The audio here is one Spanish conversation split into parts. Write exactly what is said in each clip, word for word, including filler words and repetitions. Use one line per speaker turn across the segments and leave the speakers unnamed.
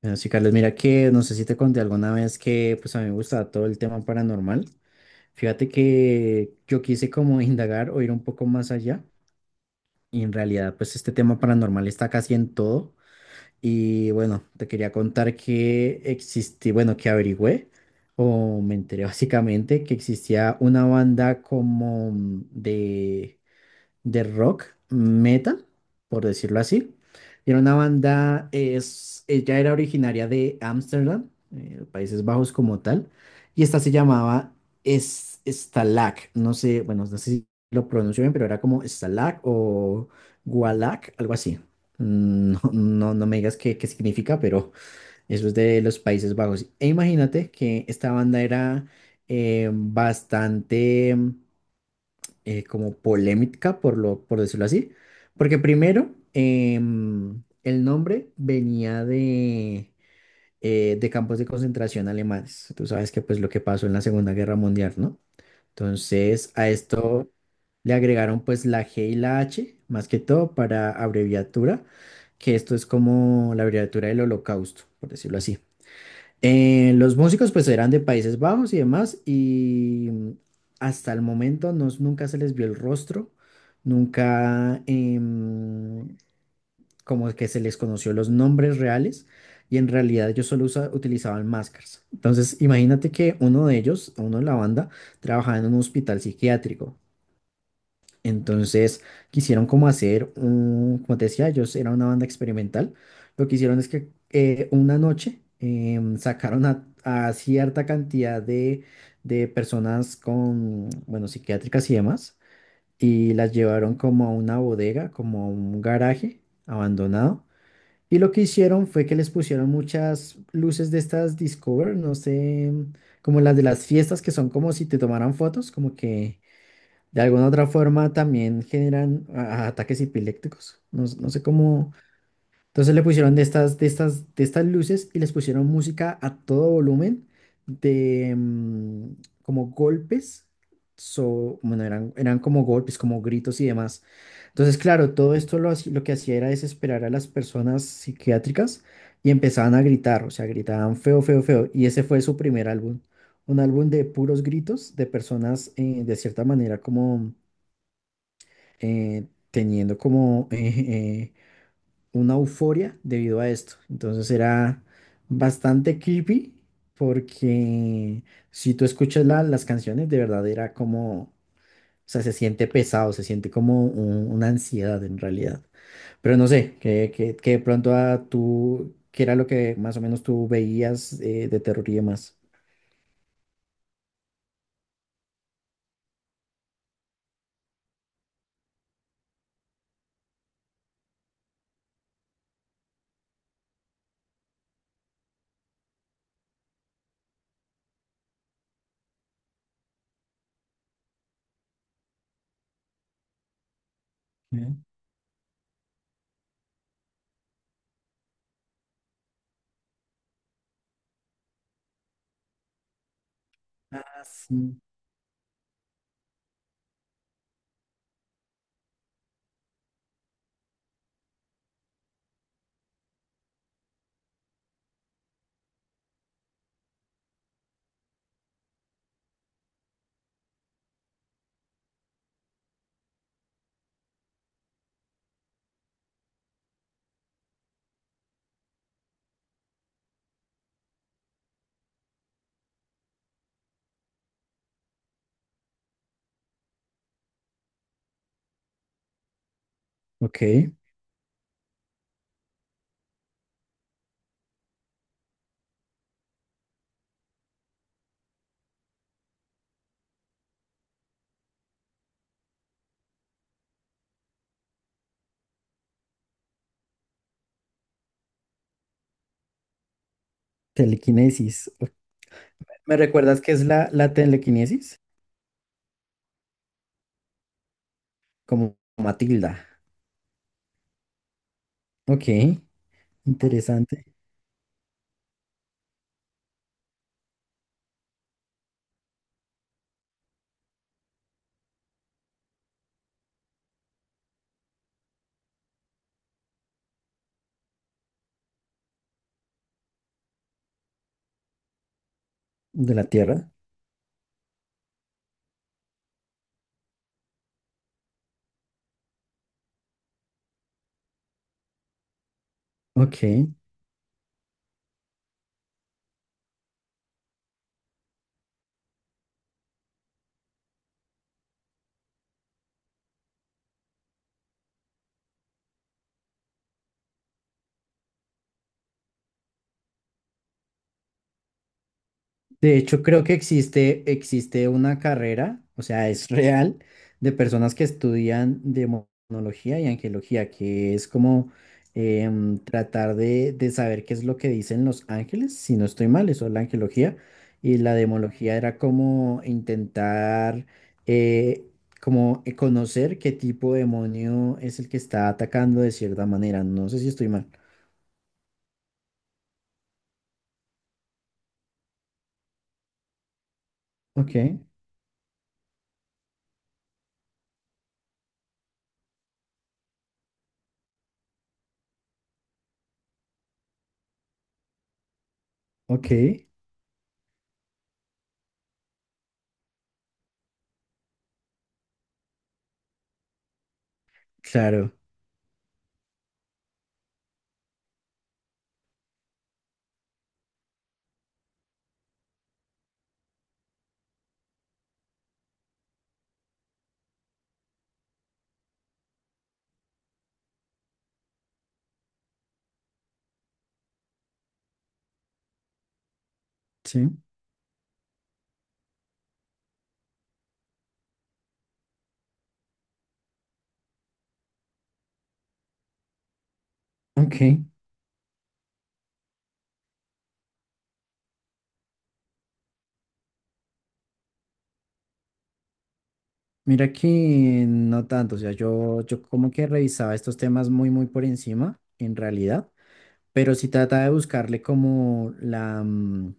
Bueno, sí, Carlos, mira que no sé si te conté alguna vez que pues a mí me gustaba todo el tema paranormal. Fíjate que yo quise como indagar o ir un poco más allá y en realidad pues este tema paranormal está casi en todo. Y bueno, te quería contar que existí, bueno, que averigüé o me enteré básicamente que existía una banda como de de rock meta, por decirlo así. Era una banda, es, ella era originaria de Ámsterdam, eh, Países Bajos como tal, y esta se llamaba es, Stalag, no sé, bueno, no sé si lo pronuncio bien, pero era como Stalag o Gualag, algo así. Mm, no, no, no me digas qué, qué significa, pero eso es de los Países Bajos. E imagínate que esta banda era eh, bastante eh, como polémica, por lo, por decirlo así, porque primero em, el nombre venía de, eh, de campos de concentración alemanes. Tú sabes que pues lo que pasó en la Segunda Guerra Mundial, ¿no? Entonces a esto le agregaron pues la G y la H, más que todo para abreviatura, que esto es como la abreviatura del Holocausto, por decirlo así. Eh, los músicos pues eran de Países Bajos y demás y hasta el momento no- nunca se les vio el rostro, nunca em, como que se les conoció los nombres reales y en realidad ellos solo usa- utilizaban máscaras. Entonces imagínate que uno de ellos, uno de la banda, trabajaba en un hospital psiquiátrico entonces quisieron como hacer un, como te decía, ellos era una banda experimental. Lo que hicieron es que eh, una noche em, sacaron a, a cierta cantidad de, de personas con, bueno, psiquiátricas y demás, y las llevaron como a una bodega, como a un garaje abandonado. Y lo que hicieron fue que les pusieron muchas luces de estas Discover, no sé, como las de las fiestas que son como si te tomaran fotos, como que de alguna otra forma también generan a- a ataques epilépticos. No, s- no sé cómo. Entonces le pusieron de estas, de estas, de estas luces y les pusieron música a todo volumen de mm, como golpes. So, bueno, eran, eran como golpes, como gritos y demás. Entonces, claro, todo esto lo, haci- lo que hacía era desesperar a las personas psiquiátricas y empezaban a gritar, o sea, gritaban feo, feo, feo. Y ese fue su primer álbum. Un álbum de puros gritos de personas eh, de cierta manera como eh, teniendo como eh, eh, una euforia debido a esto. Entonces era bastante creepy porque si tú escuchas la- las canciones, de verdad era como, o sea, se siente pesado, se siente como un- una ansiedad en realidad. Pero no sé, que, que, que de pronto a tú, ¿qué era lo que más o menos tú veías eh, de terror y demás? Ok. Ah, sí. Ok, telequinesis. Ok. ¿Me recuerdas qué es la, la telequinesis? Como Matilda. Ok, interesante. De la Tierra. Ok. De hecho, creo que existe, existe una carrera, o sea, es real, de personas que estudian demonología y angelología, que es como em, tratar de, de saber qué es lo que dicen los ángeles, si no estoy mal, eso es la angelología. Y la demología era como intentar eh, como eh, conocer qué tipo de demonio es el que está atacando de cierta manera. No sé si estoy mal. Ok. Ok, claro, sí. Ok, mira que no tanto, o sea, yo, yo como que revisaba estos temas muy, muy por encima, en realidad, pero sí trataba de buscarle como la, mm,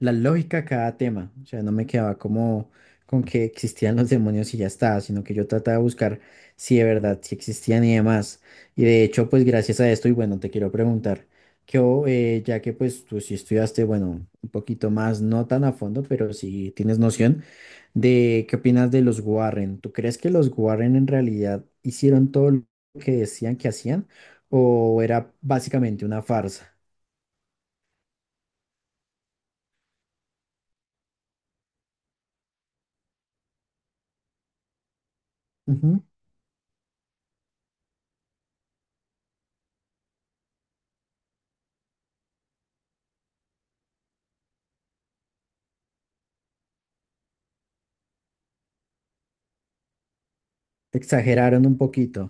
la lógica a cada tema. O sea, no me quedaba como con que existían los demonios y ya está, sino que yo trataba de buscar si de verdad, si existían y demás. Y de hecho, pues gracias a esto, y bueno, te quiero preguntar, que o, eh, ya que pues tú sí estudiaste, bueno, un poquito más, no tan a fondo, pero sí tienes noción de qué opinas de los Warren. ¿Tú crees que los Warren en realidad hicieron todo lo que decían que hacían o era básicamente una farsa? Ujú. Exageraron un poquito.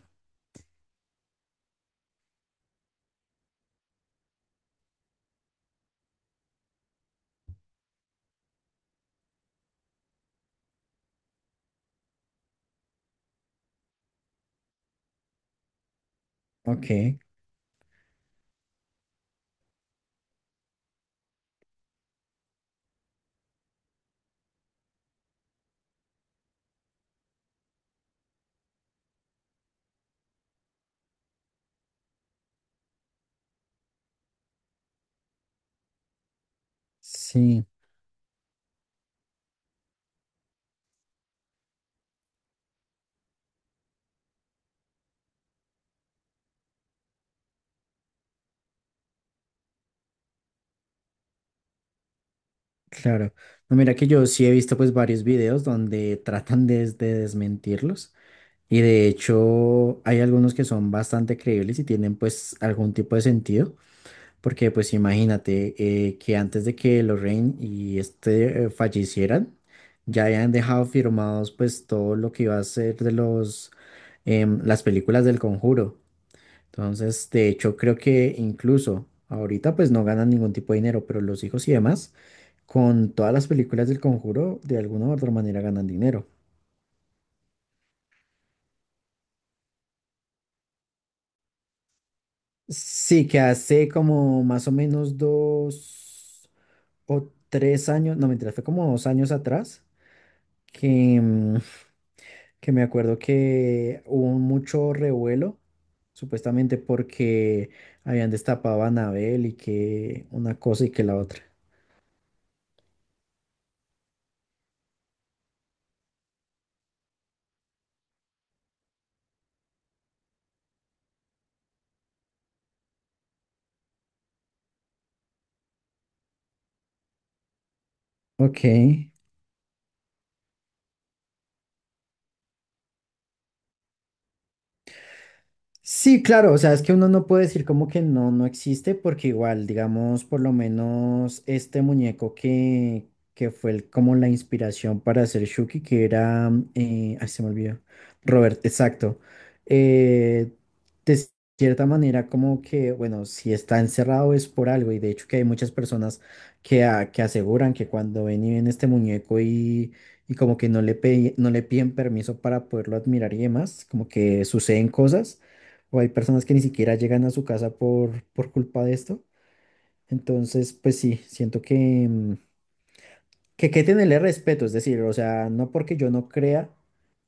Ok. Sí, claro. No, mira que yo sí he visto pues varios videos donde tratan de, de desmentirlos y de hecho hay algunos que son bastante creíbles y tienen pues algún tipo de sentido porque pues imagínate eh, que antes de que Lorraine y este eh, fallecieran ya habían dejado firmados pues todo lo que iba a ser de los em, las películas del Conjuro. Entonces, de hecho, creo que incluso ahorita pues no ganan ningún tipo de dinero, pero los hijos y demás, con todas las películas del Conjuro, de alguna u otra manera ganan dinero. Sí, que hace como más o menos dos o tres años, no, mentira, fue como dos años atrás, que, mm, que me acuerdo que hubo mucho revuelo, supuestamente porque habían destapado a Anabel y que una cosa y que la otra. Ok. Sí, claro, o sea, es que uno no puede decir como que no, no existe, porque igual, digamos, por lo menos este muñeco que, que fue el- como la inspiración para hacer Shuki, que era, mm, eh, ay, se me olvidó, Robert, exacto. eh, de cierta manera, como que, bueno, si está encerrado es por algo, y de hecho que hay muchas personas que, a- que aseguran que cuando ven y ven este muñeco y y como que no le, pe- no le piden permiso para poderlo admirar y demás, como que suceden cosas o hay personas que ni siquiera llegan a su casa por, por culpa de esto. Entonces, pues sí, siento que, mm, que, que tenerle respeto, es decir, o sea, no porque yo no crea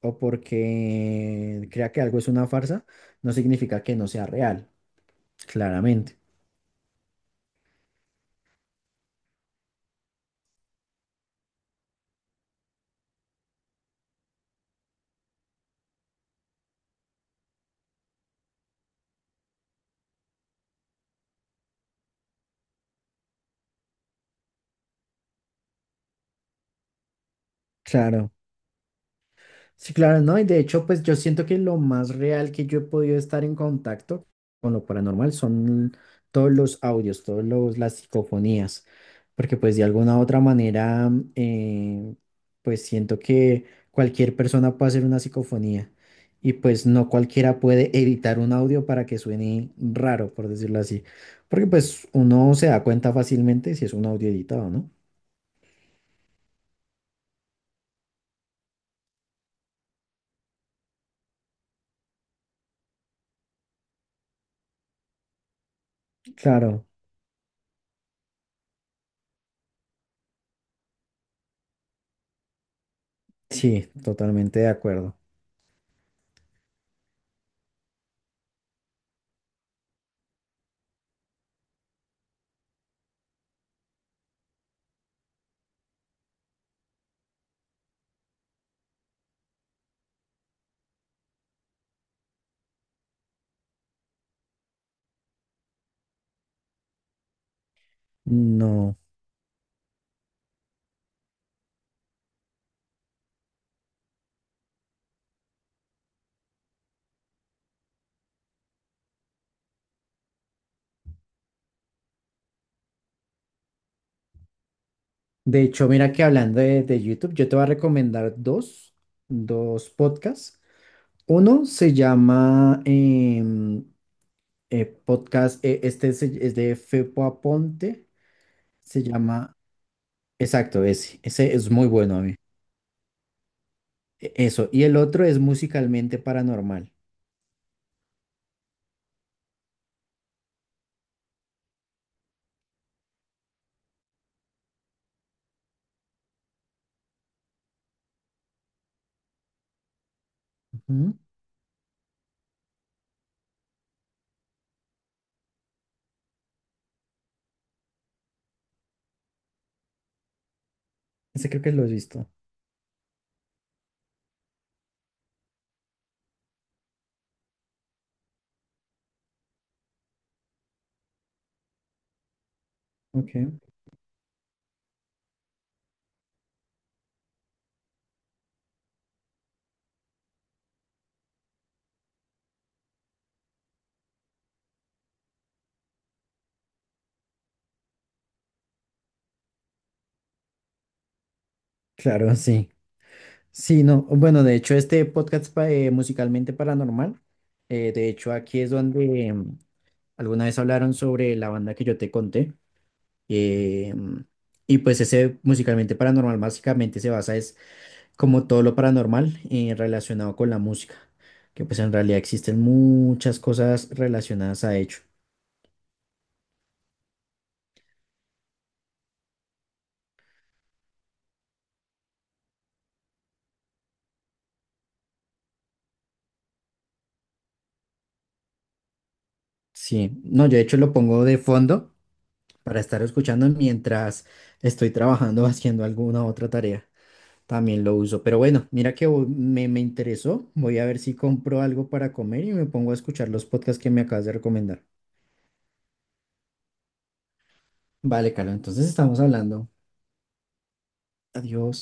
o porque crea que algo es una farsa, no significa que no sea real, claramente. Claro. Sí, claro, ¿no? Y de hecho, pues yo siento que lo más real que yo he podido estar en contacto con lo paranormal son todos los audios, todos los, las psicofonías, porque pues de alguna u otra manera, eh, pues siento que cualquier persona puede hacer una psicofonía y pues no cualquiera puede editar un audio para que suene raro, por decirlo así, porque pues uno se da cuenta fácilmente si es un audio editado, ¿no? Claro, sí, totalmente de acuerdo. No. De hecho, mira que hablando de, de YouTube, yo te voy a recomendar dos, dos podcasts. Uno se llama em, eh, podcast, eh, este es, es de Fepo Aponte, se llama, exacto, ese, ese es muy bueno a mí. E- Eso, y el otro es Musicalmente Paranormal. Ujú, ese creo que lo has visto. Ok. Claro, sí. Sí, no. Bueno, de hecho, este podcast pa- eh, Musicalmente Paranormal, eh, de hecho, aquí es donde... em, alguna vez hablaron sobre la banda que yo te conté. eh, y pues ese musicalmente paranormal básicamente se basa es como todo lo paranormal eh, relacionado con la música. Que pues en realidad existen muchas cosas relacionadas a ello. Sí, no, yo de hecho lo pongo de fondo para estar escuchando mientras estoy trabajando, haciendo alguna otra tarea. También lo uso. Pero bueno, mira que hoy me, me interesó. Voy a ver si compro algo para comer y me pongo a escuchar los podcasts que me acabas de recomendar. Vale, Carlos, entonces estamos hablando. Adiós.